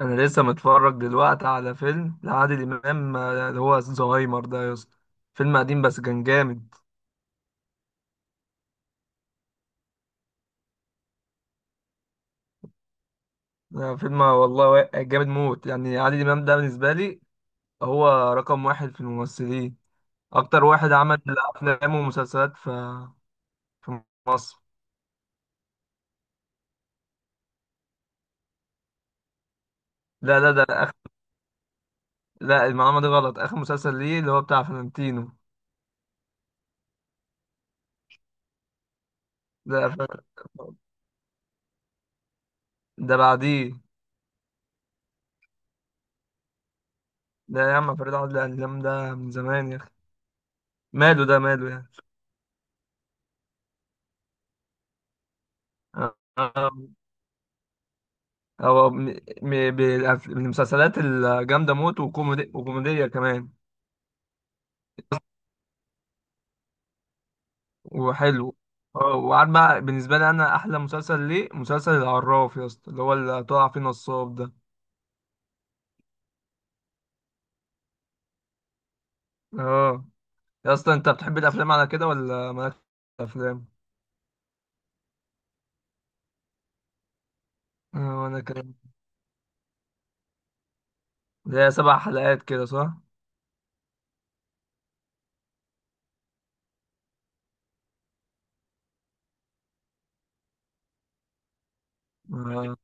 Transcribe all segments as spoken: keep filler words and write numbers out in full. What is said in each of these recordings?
انا لسه متفرج دلوقتي على فيلم لعادل امام آه، اللي هو زهايمر ده يا اسطى. فيلم قديم بس كان جامد. آه، فيلم والله وا- جامد موت، يعني عادل امام ده بالنسبه لي هو رقم واحد في الممثلين. اكتر واحد عمل افلام ومسلسلات في في مصر. لا، لا، ده أخ... لا، المعلومه دي غلط. اخر مسلسل ليه اللي هو بتاع فلنتينو. ده ف... ده بعديه. ده يا عم فريد. عادل امام ده من زمان يا اخي، ماله؟ ده ماله يعني؟ آه، هو م- م- بالأف- من المسلسلات الجامدة موت، وكوميدي وكوميدية كمان. وحلو. اه، وعارف بقى بالنسبة لي أنا أحلى مسلسل ليه مسلسل العراف يا اسطى، اللي هو اللي طلع فيه نصاب ده. اه، يا اسطى أنت بتحب الأفلام على كده ولا مالكش في الأفلام؟ اه، وأنا كمان. اللي هي سبع حلقات كده، صح؟ آه.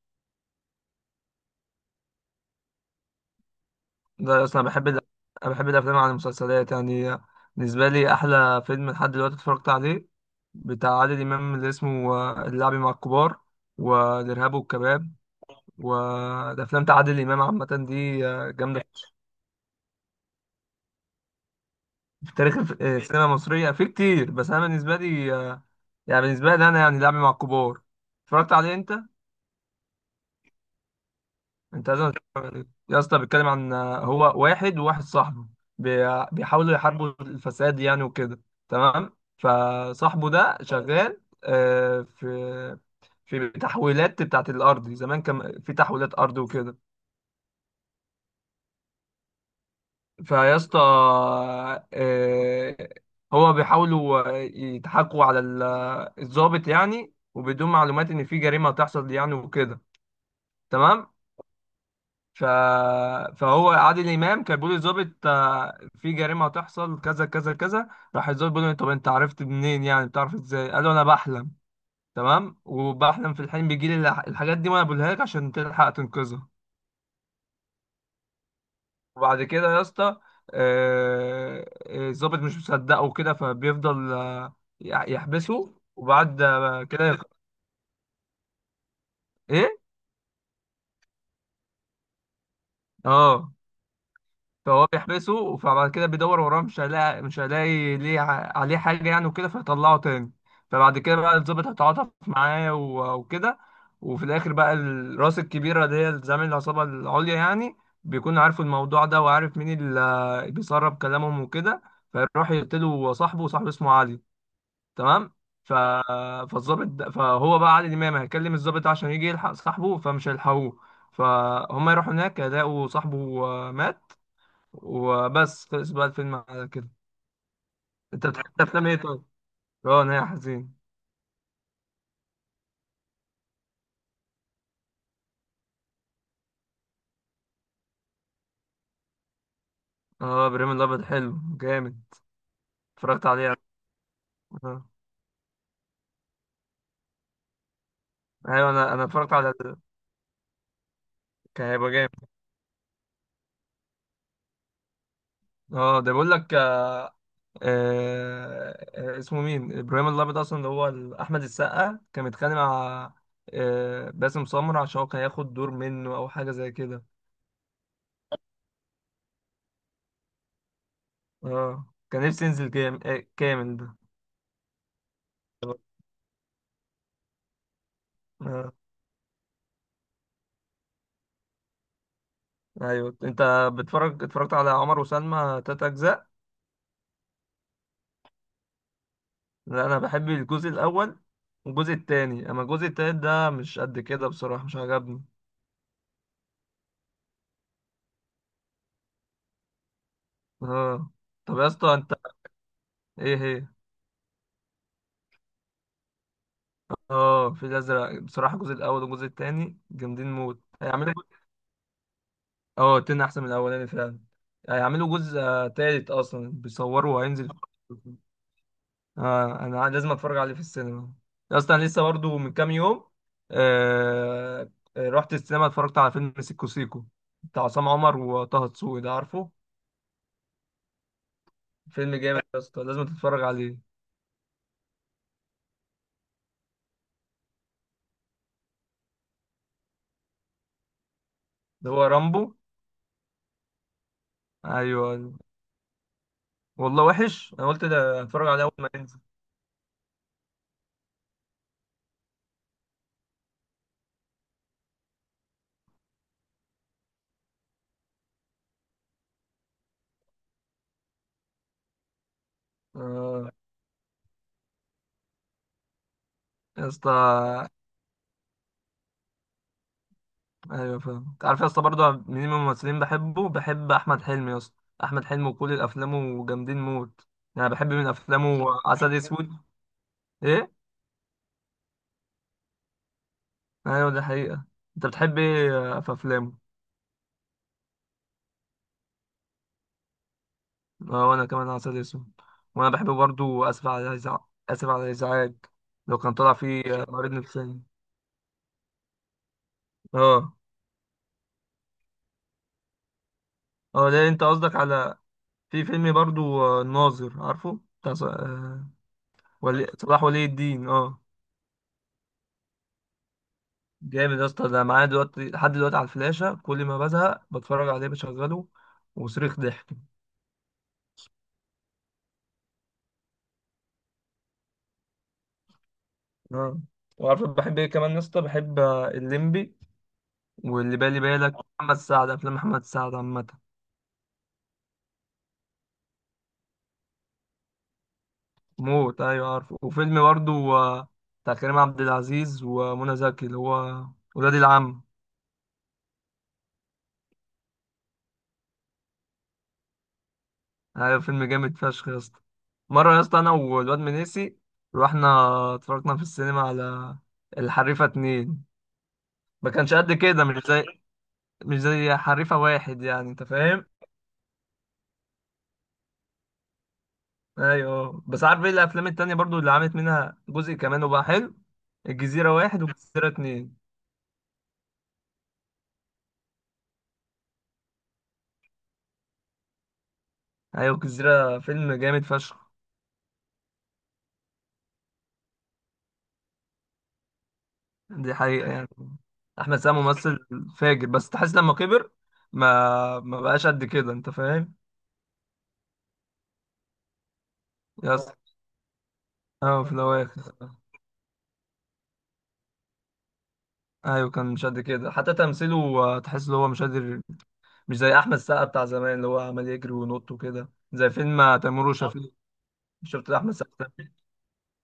ده اصلا أنا بحب الأف- انا بحب الافلام عن المسلسلات يعني. بالنسبه لي احلى فيلم لحد دلوقتي اتفرجت عليه بتاع عادل امام، اللي اسمه آه، اللعب مع الكبار والارهاب والكباب. والافلام بتاع عادل امام عامه دي آه، جامده. في تاريخ الف- آه، السينما المصريه في كتير، بس انا بالنسبه لي آه، يعني بالنسبه لي انا يعني اللعب مع الكبار. اتفرجت عليه انت؟ انت لازم تتفرج عليه يا اسطى. بيتكلم عن هو واحد وواحد صاحبه. بي- بيحاولوا يحاربوا الفساد يعني وكده. تمام. فصاحبه ده شغال آه، في في تحويلات بتاعت الارض، زمان كان في تحويلات ارض وكده. فيا اسطى، آه، هو بيحاولوا يضحكوا على ال- الضابط يعني، وبدون معلومات ان في جريمه هتحصل يعني وكده. تمام. ف... فهو عادل امام كان بيقول للظابط آه، في جريمه هتحصل كذا كذا كذا. راح الظابط بيقول له: طب انت عرفت منين؟ يعني بتعرف ازاي؟ قال له: انا بحلم. تمام، وبحلم في الحلم بيجي لي الح- الحاجات دي، وانا بقولها لك عشان تلحق تنقذها. وبعد كده يا اسطى آه، آه، الظابط مش مصدقه وكده، فبيفضل آه، يح- يحبسه، وبعد آه، كده يخ- ايه. اه، فهو بيحبسه. فبعد كده بيدور وراه، مش هيلاقي مش هيلاقي ليه ع- عليه حاجة يعني وكده، فيطلعه تاني. فبعد كده بقى الضابط هيتعاطف معاه و- وكده. وفي الآخر بقى الراس الكبيرة اللي هي زعيم العصابة العليا يعني، بيكون عارف الموضوع ده وعارف مين اللي بيسرب كلامهم وكده. فيروح يقتله صاحبه، وصاحبه اسمه علي. تمام. ف... فالظابط ده- فهو بقى علي الإمام هيكلم الضابط ده عشان يجي يلحق صاحبه، فمش هيلحقوه. فهم يروحوا هناك يلاقوا صاحبه مات. وبس، خلص بقى الفيلم على كده. انت بتحب افلام ايه طيب؟ اه، نهاية حزين. اه، ابراهيم الابيض حلو جامد. اتفرجت عليه؟ اه. ايوه، انا انا اتفرجت على كان هيبقى جامد. اه، ده بيقول لك. آه آه، اسمه مين ابراهيم الابيض اصلا، اللي هو ال- احمد السقا كان متخانق مع آه باسم سمرة، عشان هو كان هياخد دور منه او حاجة زي كده. اه، كان نفسي ينزل جام... آه، كامل ده. اه. آه، ايوه انت بتتفرج اتفرجت على عمر وسلمى تلات اجزاء؟ لا، انا بحب الجزء الاول والجزء التاني. اما الجزء التالت ده مش قد كده بصراحه، مش عجبني. اه. طب يا اسطى انت، ايه هي؟ اه، في الازرق بصراحه الجزء الاول والجزء التاني جامدين موت. هيعملوا. اه، التاني احسن من الاولاني فعلا. هيعملوا جزء آه، تالت، اصلا بيصوروا وهينزل. اه، انا لازم اتفرج عليه في السينما. يا اسطى انا لسه برضو من كام يوم، آه... آه، رحت السينما اتفرجت على فيلم سيكو سيكو بتاع عصام عمر وطه دسوقي، ده عارفه. فيلم جامد يا اسطى، لازم تتفرج عليه. ده هو رامبو. ايوه، أيوة. والله وحش. انا قلت ده اتفرج عليه اول ما ينزل. آه، يا اسطى. ايوه فاهم. انت عارف يا اسطى برضه مين من الممثلين بحبه بحب؟ احمد حلمي يا اسطى. احمد حلمي وكل افلامه جامدين موت. يعني بحب من افلامه عسل اسود. ايه. ايوه، دي حقيقة. انت بتحب ايه في افلامه؟ اه، وانا كمان عسل اسود. وانا بحب برضه اسف على الازعاج. اسف على الازعاج. لو كان طلع فيه مريض نفساني. اه. اه، ده انت قصدك على في فيلم برضو آه، الناظر، عارفه بتاع ص- آه، ولي صلاح ولي الدين. اه، جامد يا اسطى. ده معايا دلوقتي لحد دلوقتي على الفلاشة، كل ما بزهق بتفرج عليه، بشغله وصريخ ضحك. اه، وعارف بحب ايه كمان يا اسطى؟ بحب آه، الليمبي واللي بالي بالك، محمد سعد. افلام محمد سعد عامة موت. ايوه عارفه. وفيلم برضو آه، بتاع كريم عبد العزيز ومنى زكي اللي هو ولاد العم. ايوه، فيلم جامد فشخ يا اسطى. مره يا اسطى، انا والواد منيسي رحنا اتفرجنا في السينما على الحريفه اتنين. ما كانش قد كده، مش زي مش زي حريفه واحد يعني، انت فاهم. ايوه، بس عارف ايه الافلام التانية برضو اللي عملت منها جزء كمان وبقى حلو؟ الجزيره واحد والجزيره اتنين. ايوه، الجزيره فيلم جامد فشخ. دي حقيقه يعني. احمد سامي ممثل فاجر، بس تحس لما كبر ما ما بقاش قد كده، انت فاهم؟ يا اسطى. اه، في الأوائل. ايوه، كان مش قد كده حتى تمثيله، آه، تحس ان هو مش قادر. مش زي احمد سقا بتاع زمان اللي هو عمال يجري وينط وكده، زي فيلم آه، تيمور بالظبط وشفيق. شفت؟ ده احمد سقا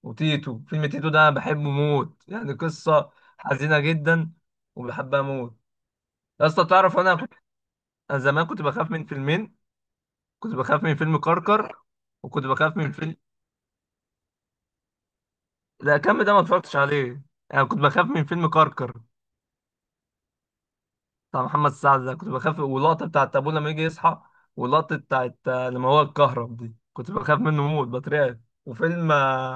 وتيتو. فيلم تيتو ده انا بحبه موت، يعني قصه حزينه جدا، وبحبها موت. يا اسطى تعرف، انا كنت، أنا زمان كنت بخاف من فيلمين. كنت بخاف من فيلم كركر، وكنت بخاف من فيلم، لا كم ده ما اتفرجتش عليه. انا كنت بخاف من فيلم كركر بتاع محمد سعد، ده كنت بخاف. واللقطة بتاعت أبوه لما يجي يصحى، واللقطة بتاعت آه، لما هو اتكهرب دي، كنت بخاف منه موت، بترعب. وفيلم آه،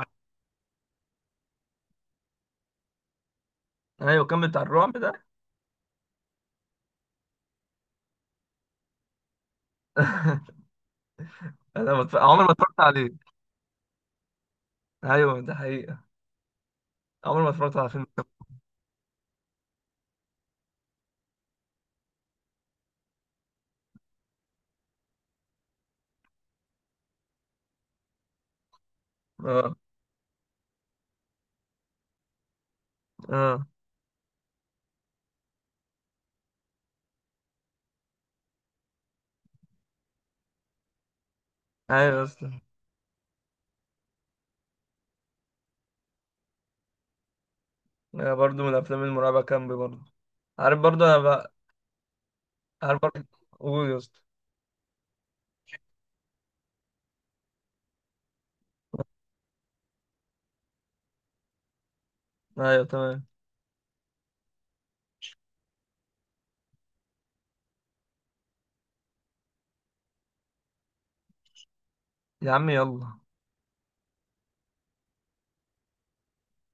أيوة، كان بتاع الرعب ده. أنا ما اتف- عمري ما اتفرجت عليه. أيوة، ده حقيقة. عمري ما اتفرجت على فيلم. اه، اه. أيوة أصلا. أنا برضه من الأفلام المرعبة كامبي برضه. عارف برضه. أنا بقى عارف برضه. قول يا اسطى. أيوة تمام. يا عم يلا.